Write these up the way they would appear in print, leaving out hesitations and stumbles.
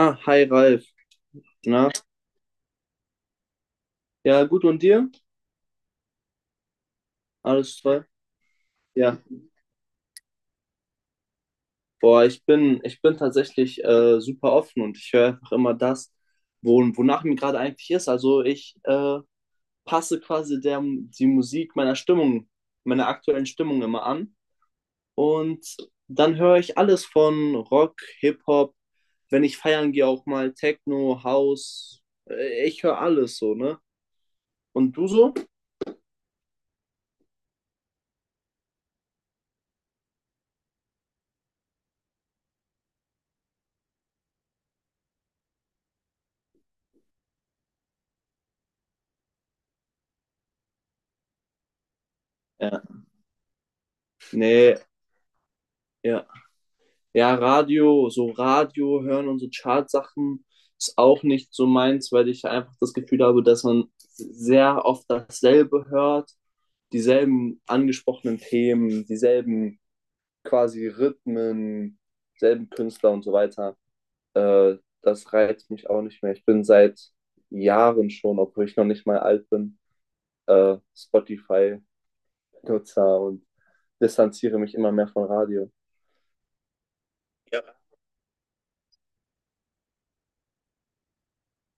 Ah, hi Ralf. Na? Ja, gut und dir? Alles toll? Ja. Boah, ich bin tatsächlich super offen und ich höre einfach immer das, wonach mir gerade eigentlich ist. Also ich passe quasi die Musik meiner Stimmung, meiner aktuellen Stimmung immer an. Und dann höre ich alles von Rock, Hip-Hop, wenn ich feiern gehe, auch mal Techno, House. Ich höre alles so, ne? Und du so? Ja. Nee. Ja. Ja, Radio, so Radio hören und so Chartsachen ist auch nicht so meins, weil ich einfach das Gefühl habe, dass man sehr oft dasselbe hört, dieselben angesprochenen Themen, dieselben quasi Rhythmen, selben Künstler und so weiter. Äh, Das reizt mich auch nicht mehr. Ich bin seit Jahren schon, obwohl ich noch nicht mal alt bin, Spotify-Nutzer und distanziere mich immer mehr von Radio. Ja.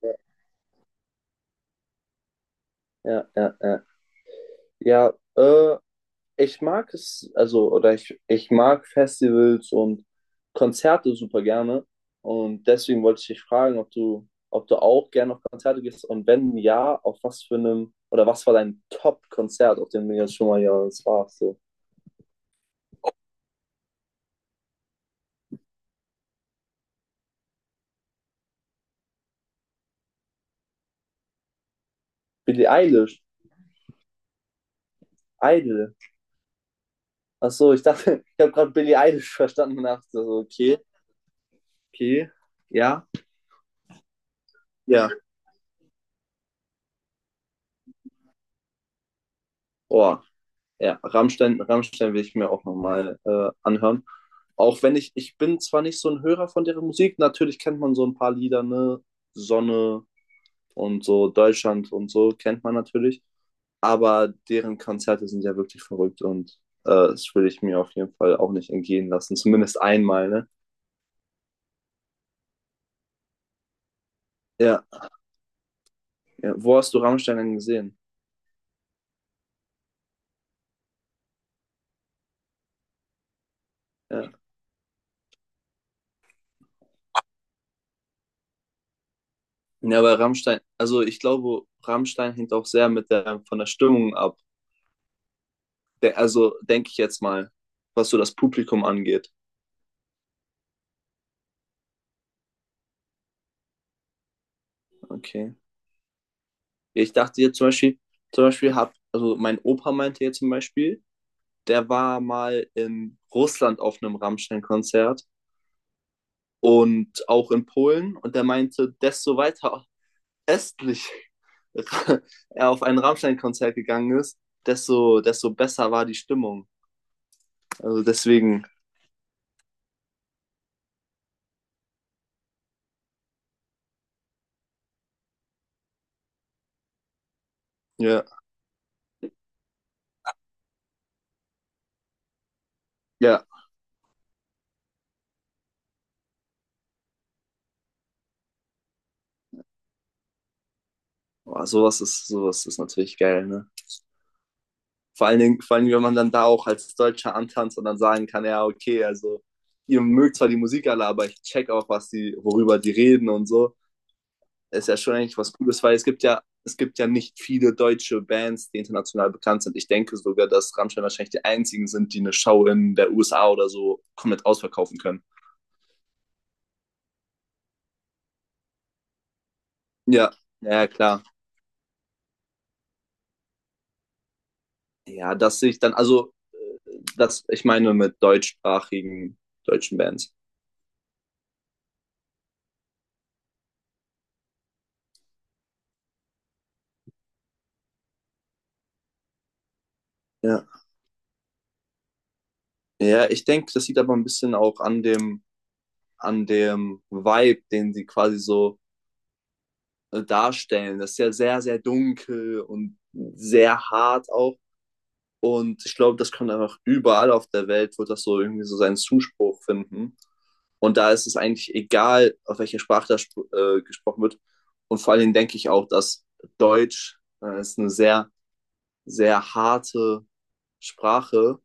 Ja, ja, ja. Ja, ich mag es, also, oder ich mag Festivals und Konzerte super gerne. Und deswegen wollte ich dich fragen, ob du auch gerne auf Konzerte gehst und wenn ja, auf was für einem, oder was war dein Top-Konzert, auf dem du jetzt schon mal ja, das warst so. Billie Eilish, Idol. Ach so, ich dachte, ich habe gerade Billie Eilish verstanden und dachte so, okay, okay, ja, ja, boah. Ja, Rammstein, Rammstein will ich mir auch nochmal anhören. Auch wenn ich, ich bin zwar nicht so ein Hörer von deren Musik, natürlich kennt man so ein paar Lieder, ne? Sonne und so, Deutschland und so, kennt man natürlich. Aber deren Konzerte sind ja wirklich verrückt und das will ich mir auf jeden Fall auch nicht entgehen lassen. Zumindest einmal, ne? Ja. Ja. Wo hast du Rammstein denn gesehen? Ja. Ja, aber Rammstein, also ich glaube, Rammstein hängt auch sehr mit der, von der Stimmung ab. De Also denke ich jetzt mal, was so das Publikum angeht. Okay. Ich dachte jetzt zum Beispiel, also mein Opa meinte jetzt zum Beispiel, der war mal in Russland auf einem Rammstein-Konzert und auch in Polen und der meinte, desto weiter östlich er auf ein Rammstein-Konzert gegangen ist, desto besser war die Stimmung. Also deswegen, ja, ja, oh, sowas ist natürlich geil, ne? Vor allen Dingen, wenn man dann da auch als Deutscher antanzt und dann sagen kann, ja, okay, also ihr mögt zwar die Musik alle, aber ich check auch, was die, worüber die reden und so. Ist ja schon eigentlich was Cooles, weil es gibt ja nicht viele deutsche Bands, die international bekannt sind. Ich denke sogar, dass Rammstein wahrscheinlich die einzigen sind, die eine Show in der USA oder so komplett ausverkaufen können. Ja, ja, ja, klar. Ja, dass ich dann, also, das, ich meine mit deutschsprachigen deutschen Bands. Ja, ja ich denke, das liegt aber ein bisschen auch an dem Vibe, den sie quasi so darstellen. Das ist ja sehr, sehr dunkel und sehr hart auch. Und ich glaube, das kommt einfach überall auf der Welt, wird das so irgendwie so seinen Zuspruch finden. Und da ist es eigentlich egal, auf welcher Sprache das gesprochen wird. Und vor allen Dingen denke ich auch, dass Deutsch ist eine sehr, sehr harte Sprache,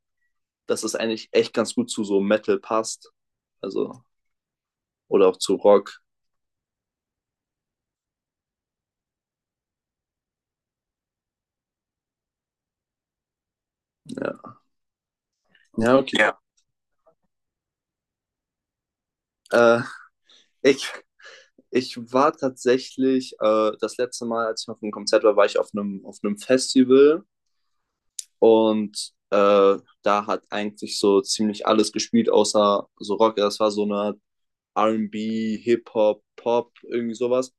dass es eigentlich echt ganz gut zu so Metal passt. Also, oder auch zu Rock. Ja, ja okay. Ja. Äh, Ich, ich war tatsächlich, das letzte Mal, als ich auf einem Konzert war, war ich auf einem Festival und da hat eigentlich so ziemlich alles gespielt, außer so Rock. Das war so eine R&B, Hip-Hop, Pop, irgendwie sowas.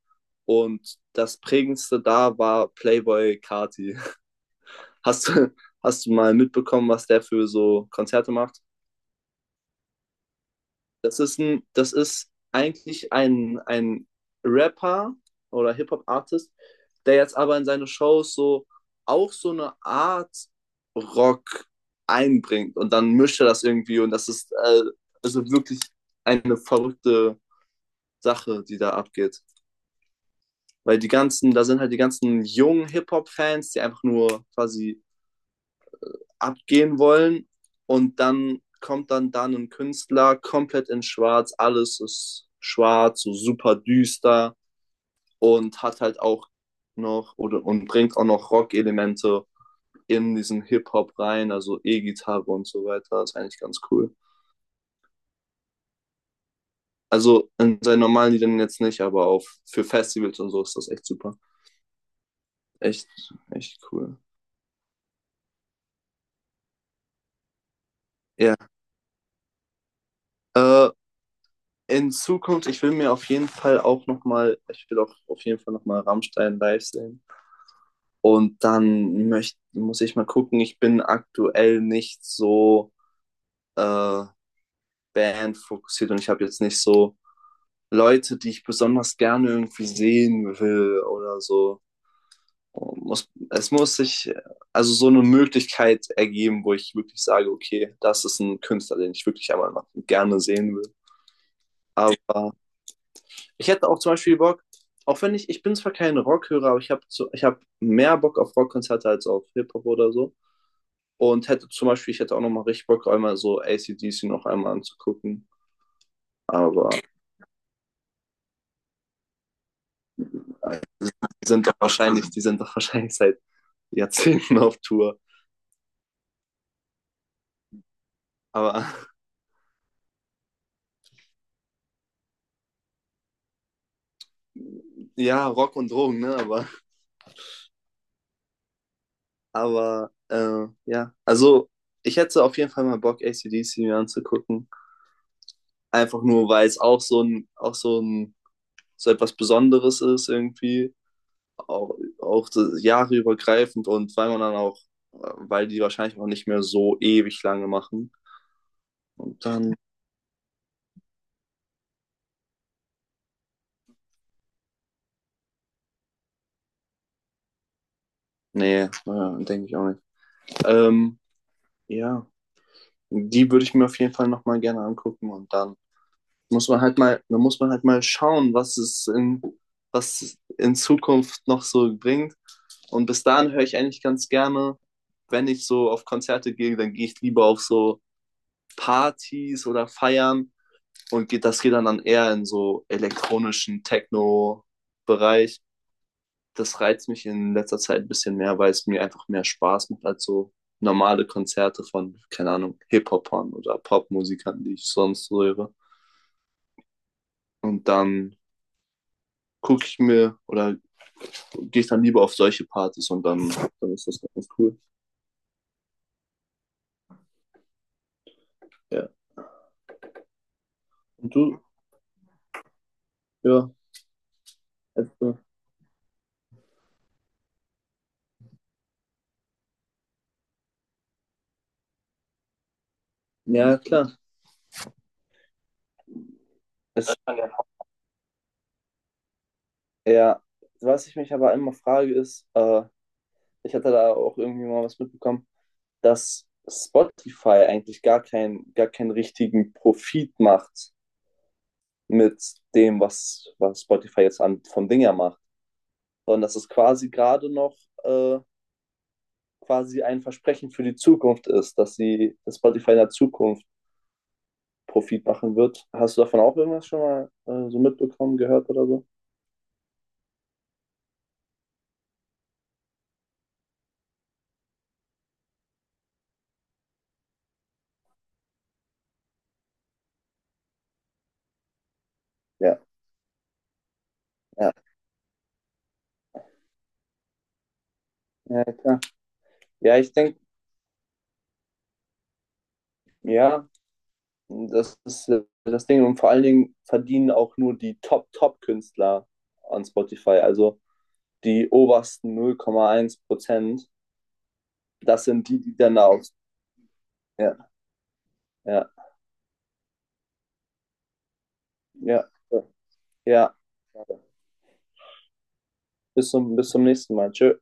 Und das prägendste da war Playboy Carti. Hast du, hast du mal mitbekommen, was der für so Konzerte macht? Das ist ein, das ist eigentlich ein Rapper oder Hip-Hop-Artist, der jetzt aber in seine Shows so auch so eine Art Rock einbringt und dann mischt er das irgendwie und das ist also wirklich eine verrückte Sache, die da abgeht. Weil die ganzen, da sind halt die ganzen jungen Hip-Hop-Fans, die einfach nur quasi abgehen wollen. Und dann kommt dann da ein Künstler komplett in schwarz, alles ist schwarz, so super düster und hat halt auch noch oder und bringt auch noch Rock-Elemente in diesen Hip-Hop rein, also E-Gitarre und so weiter. Das ist eigentlich ganz cool. Also in seinen normalen Liedern jetzt nicht, aber auf für Festivals und so ist das echt super. Echt, echt cool. Ja. Yeah. In Zukunft, ich will mir auf jeden Fall auch nochmal, ich will auch auf jeden Fall nochmal Rammstein live sehen. Und dann muss ich mal gucken, ich bin aktuell nicht so äh, bandfokussiert und ich habe jetzt nicht so Leute, die ich besonders gerne irgendwie sehen will oder so. Es muss sich also so eine Möglichkeit ergeben, wo ich wirklich sage, okay, das ist ein Künstler, den ich wirklich einmal mal gerne sehen will. Aber ich hätte auch zum Beispiel Bock, auch wenn ich, ich bin zwar kein Rockhörer, aber ich hab mehr Bock auf Rockkonzerte als auf Hip-Hop oder so. Und ich hätte auch nochmal richtig Bock, einmal so ACDC noch einmal anzugucken. Aber äh, die sind doch wahrscheinlich seit Jahrzehnten auf Tour. Aber ja, Rock und Drogen, ne? Aber ja, also ich hätte auf jeden Fall mal Bock, ACDC mir anzugucken. Einfach nur, weil es auch so ein, so etwas Besonderes ist irgendwie. Auch jahreübergreifend und weil man dann auch, weil die wahrscheinlich auch nicht mehr so ewig lange machen. Und dann, nee, naja, denke ich auch nicht. Ähm, ja, die würde ich mir auf jeden Fall nochmal gerne angucken und dann muss man halt mal, dann muss man halt mal schauen, was in Zukunft noch so bringt. Und bis dahin höre ich eigentlich ganz gerne, wenn ich so auf Konzerte gehe, dann gehe ich lieber auf so Partys oder Feiern und das geht dann eher in so elektronischen Techno-Bereich. Das reizt mich in letzter Zeit ein bisschen mehr, weil es mir einfach mehr Spaß macht als so normale Konzerte von, keine Ahnung, Hip-Hopern oder Popmusikern, die ich sonst so höre. Und dann gucke ich mir oder gehe ich dann lieber auf solche Partys und dann ist das ganz cool. Ja. Und du? Ja, etwa. Ja, klar. Es, ja, was ich mich aber immer frage ist, ich hatte da auch irgendwie mal was mitbekommen, dass Spotify eigentlich gar, kein, gar keinen richtigen Profit macht mit dem, was Spotify jetzt an, von Dinger macht, sondern dass es quasi gerade noch äh, quasi ein Versprechen für die Zukunft ist, dass Spotify in der Zukunft Profit machen wird. Hast du davon auch irgendwas schon mal so mitbekommen, gehört oder so? Ja, ja, ja, klar. Ja, ich denke, ja, das ist das Ding. Und vor allen Dingen verdienen auch nur die Top-Top-Künstler an Spotify, also die obersten 0,1%. Das sind die, die dann aus. Ja, ja. Ja, ja. Bis zum nächsten Mal. Tschö.